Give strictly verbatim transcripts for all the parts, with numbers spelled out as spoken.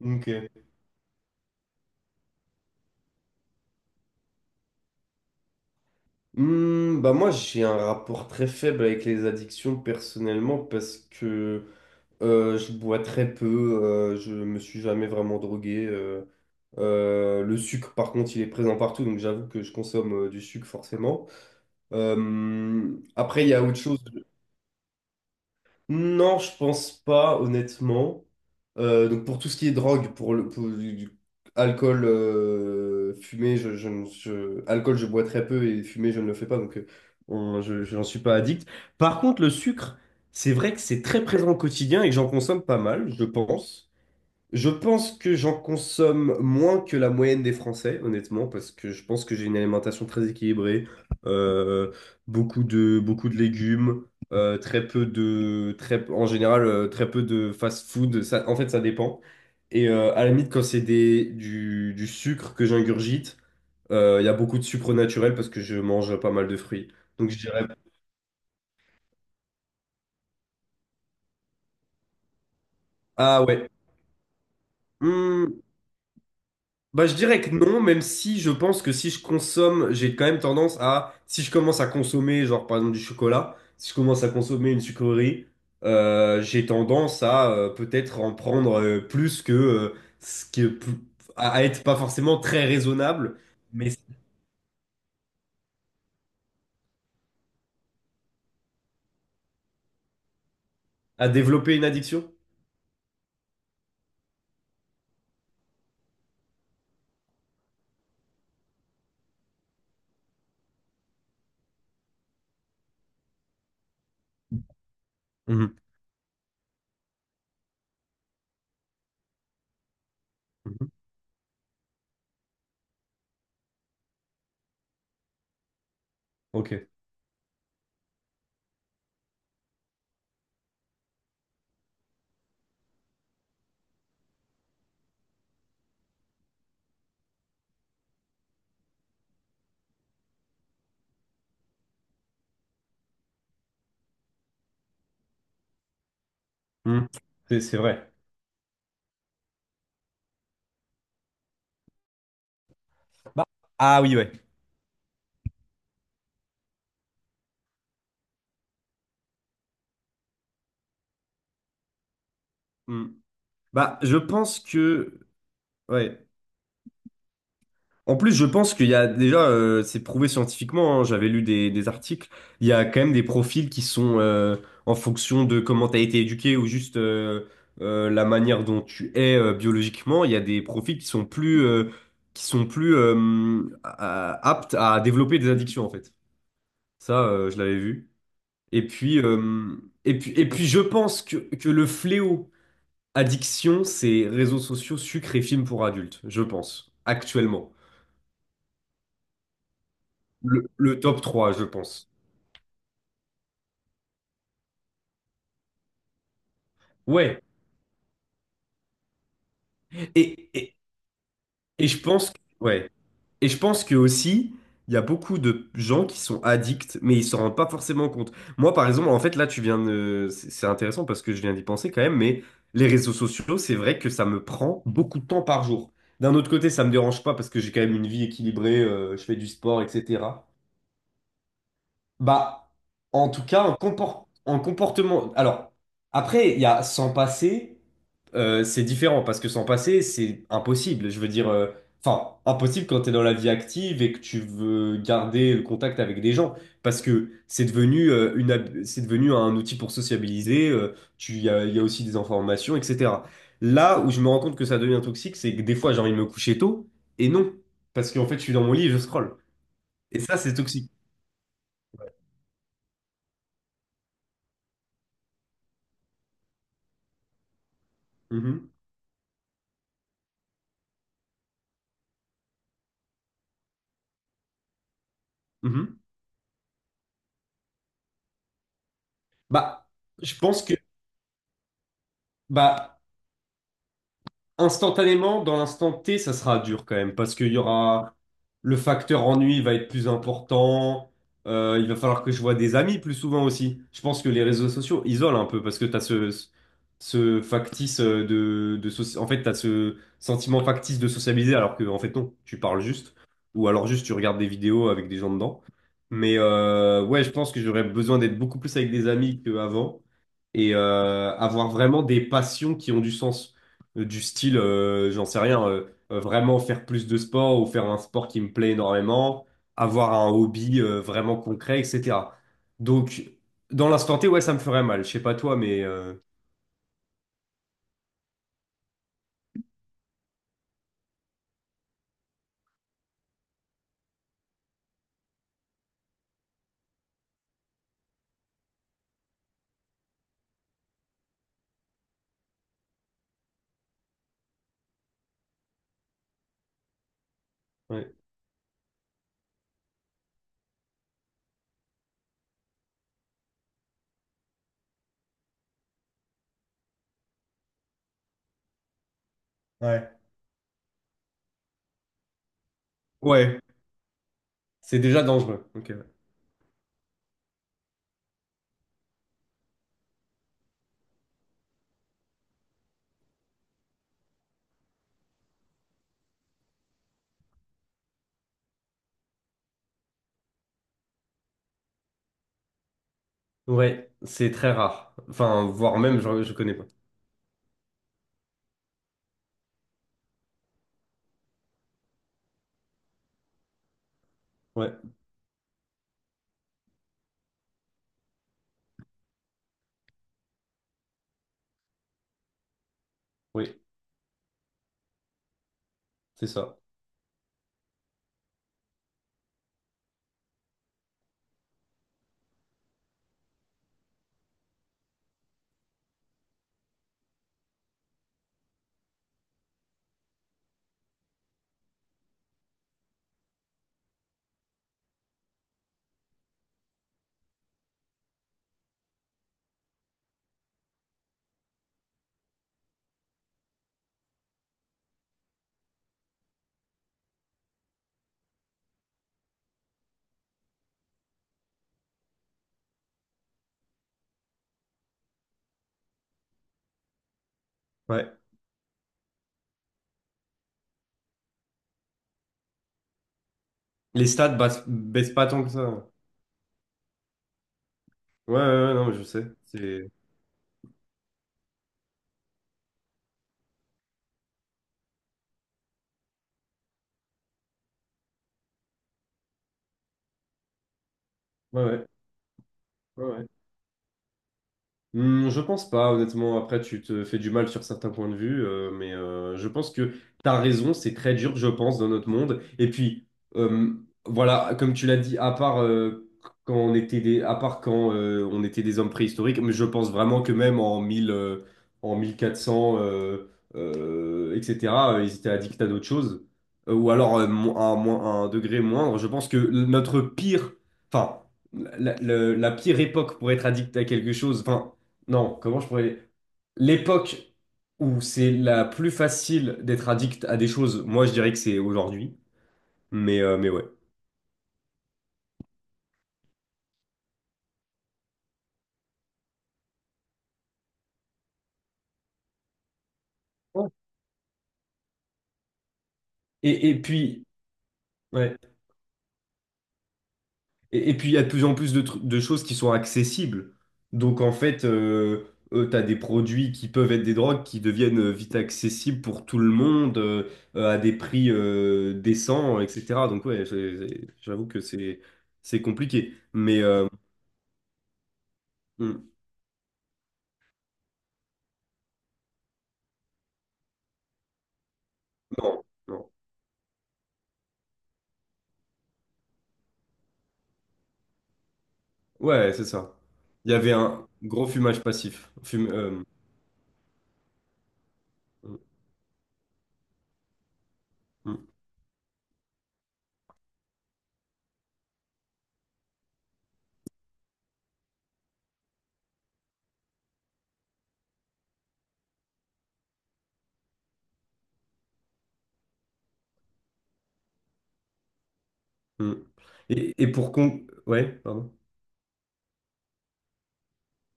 Ok. Hmm, bah moi j'ai un rapport très faible avec les addictions personnellement parce que euh, je bois très peu, euh, je me suis jamais vraiment drogué. euh. Euh, le sucre par contre il est présent partout donc j'avoue que je consomme euh, du sucre forcément. Euh, après il y a autre chose. Non, je pense pas, honnêtement. Euh, donc pour tout ce qui est drogue, pour le pour du- du- alcool, euh, fumée, je, je, ne- je- alcool, je bois très peu et fumée, je ne le fais pas, donc euh, on- je, je n'en suis pas addict. Par contre, le sucre, c'est vrai que c'est très présent au quotidien et j'en consomme pas mal, je pense. Je pense que j'en consomme moins que la moyenne des Français, honnêtement, parce que je pense que j'ai une alimentation très équilibrée, euh, beaucoup de, beaucoup de légumes, euh, très peu de, très, en général, euh, très peu de fast-food. Ça, en fait, ça dépend. Et euh, à la limite, quand c'est des, du, du sucre que j'ingurgite, euh, il y a beaucoup de sucre naturel parce que je mange pas mal de fruits. Donc je dirais, ah ouais. hmm, Bah, je dirais que non, même si je pense que si je consomme, j'ai quand même tendance à, si je commence à consommer, genre par exemple du chocolat, si je commence à consommer une sucrerie, euh, j'ai tendance à euh, peut-être en prendre euh, plus que euh, ce qui est plus- à à être pas forcément très raisonnable, mais à développer une addiction. Mhm. Mhm. Ok. Mhm. C'est c'est vrai. Bah, ah oui, ouais. Mm. Bah, je pense que. Ouais. En plus, je pense qu'il y a déjà, euh, c'est prouvé scientifiquement, hein, j'avais lu des, des articles, il y a quand même des profils qui sont euh, en fonction de comment tu as été éduqué ou juste euh, euh, la manière dont tu es euh, biologiquement, il y a des profils qui sont plus, euh, qui sont plus euh, à- à- aptes à développer des addictions en fait. Ça, euh, je l'avais vu. Et puis, euh, et puis, et puis, je pense que, que le fléau addiction, c'est réseaux sociaux, sucre et films pour adultes, je pense, actuellement. Le, le top trois je pense. Ouais. Et, et, et je pense, ouais. Et je pense que aussi, il y a beaucoup de gens qui sont addicts, mais ils s'en rendent pas forcément compte. Moi, par exemple, en fait, là, tu viens de... C'est c'est intéressant parce que je viens d'y penser quand même, mais les réseaux sociaux, c'est vrai que ça me prend beaucoup de temps par jour. D'un autre côté, ça me dérange pas parce que j'ai quand même une vie équilibrée, euh, je fais du sport, et cetera. Bah, en tout cas, un compor- un comportement. Alors, après, il y a s'en passer, euh, c'est différent parce que s'en passer, c'est impossible. Je veux dire, euh, enfin, impossible quand tu es dans la vie active et que tu veux garder le contact avec des gens parce que c'est devenu, euh, une, hab- c'est devenu un outil pour sociabiliser. euh, tu, il y a, il y a aussi des informations, et cetera. Là où je me rends compte que ça devient toxique, c'est que des fois, j'ai envie de me coucher tôt et non, parce qu'en fait, je suis dans mon lit et je scrolle. Et ça, c'est toxique. Mhm. Mhm. Bah, je pense que bah, instantanément, dans l'instant T, ça sera dur quand même, parce qu'il y aura le facteur ennui va être plus important. Euh, il va falloir que je vois des amis plus souvent aussi. Je pense que les réseaux sociaux isolent un peu parce que tu as ce, ce factice de, de soci- en fait, tu as ce sentiment factice de sociabiliser alors que, en fait, non, tu parles juste ou alors juste tu regardes des vidéos avec des gens dedans. Mais euh, ouais, je pense que j'aurais besoin d'être beaucoup plus avec des amis qu'avant et euh, avoir vraiment des passions qui ont du sens euh, du style, euh, j'en sais rien, euh, euh, vraiment faire plus de sport ou faire un sport qui me plaît énormément, avoir un hobby euh, vraiment concret, et cetera. Donc, dans l'instant T, ouais, ça me ferait mal. Je sais pas toi, mais euh, ouais, ouais. Ouais, c'est déjà dangereux. Ok. Ouais, ouais, c'est très rare. Enfin, voire même, je, je connais pas. Ouais, oui, c'est ça. Ouais. Les stats baissent, baissent pas tant que ça. Ouais, ouais, ouais, ouais, non, mais je sais. C'est ouais, ouais, ouais. Ouais. Hmm, je pense pas, honnêtement. Après, tu te fais du mal sur certains points de vue, euh, mais euh, je pense que t'as raison, c'est très dur, je pense, dans notre monde. Et puis, euh, voilà, comme tu l'as dit, à part euh, quand on était des, à part quand euh, on était des hommes préhistoriques, mais je pense vraiment que même en mille, euh, en mille quatre cents, euh, euh, et cetera, euh, ils étaient addicts à d'autres choses. Euh, ou alors euh, mo- à un, moins- à un degré moindre. Je pense que notre pire, enfin, la, la- la pire époque pour être addict à quelque chose. Enfin, non, comment je pourrais... L'époque où c'est la plus facile d'être addict à des choses, moi je dirais que c'est aujourd'hui. Mais, euh, mais ouais. Ouais. Et, et puis, ouais. Et, et puis, il y a de plus en plus de, tru- de choses qui sont accessibles. Donc, en fait, euh, tu as des produits qui peuvent être des drogues qui deviennent euh, vite accessibles pour tout le monde euh, euh, à des prix euh, décents, et cetera. Donc, ouais, c'est- c'est- j'avoue que c'est c'est compliqué. Mais euh, mm, non, non. Ouais, c'est ça. Il y avait un gros fumage passif. Fume- euh, mm, mm, mm. Et, et pour con... Ouais, pardon.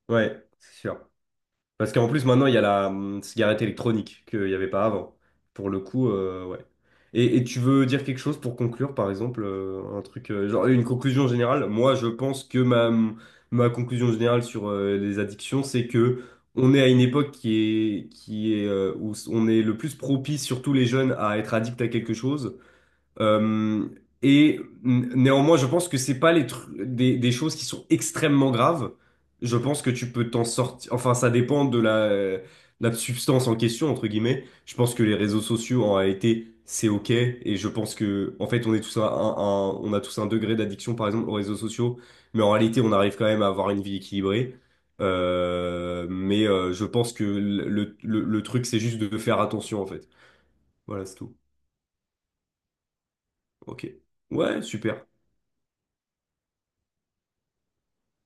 Ouais, c'est sûr. Parce qu'en plus, maintenant, il y a la hum, cigarette électronique qu'il n'y avait pas avant. Pour le coup, euh, ouais. Et, et tu veux dire quelque chose pour conclure, par exemple, euh, un truc, euh, genre une conclusion générale? Moi, je pense que ma, ma conclusion générale sur euh, les addictions, c'est que on est à une époque qui est, qui est, euh, où on est le plus propice, surtout les jeunes, à être addict à quelque chose. Euh, et n- néanmoins, je pense que c'est pas les tru- des, des choses qui sont extrêmement graves. Je pense que tu peux t'en sortir. Enfin, ça dépend de la, de la substance en question, entre guillemets. Je pense que les réseaux sociaux, en réalité, c'est OK. Et je pense que, en fait, on est tous un, un- un- on a tous un degré d'addiction, par exemple, aux réseaux sociaux. Mais en réalité, on arrive quand même à avoir une vie équilibrée. Euh, mais euh, je pense que le, le, le le truc, c'est juste de faire attention, en fait. Voilà, c'est tout. OK. Ouais, super.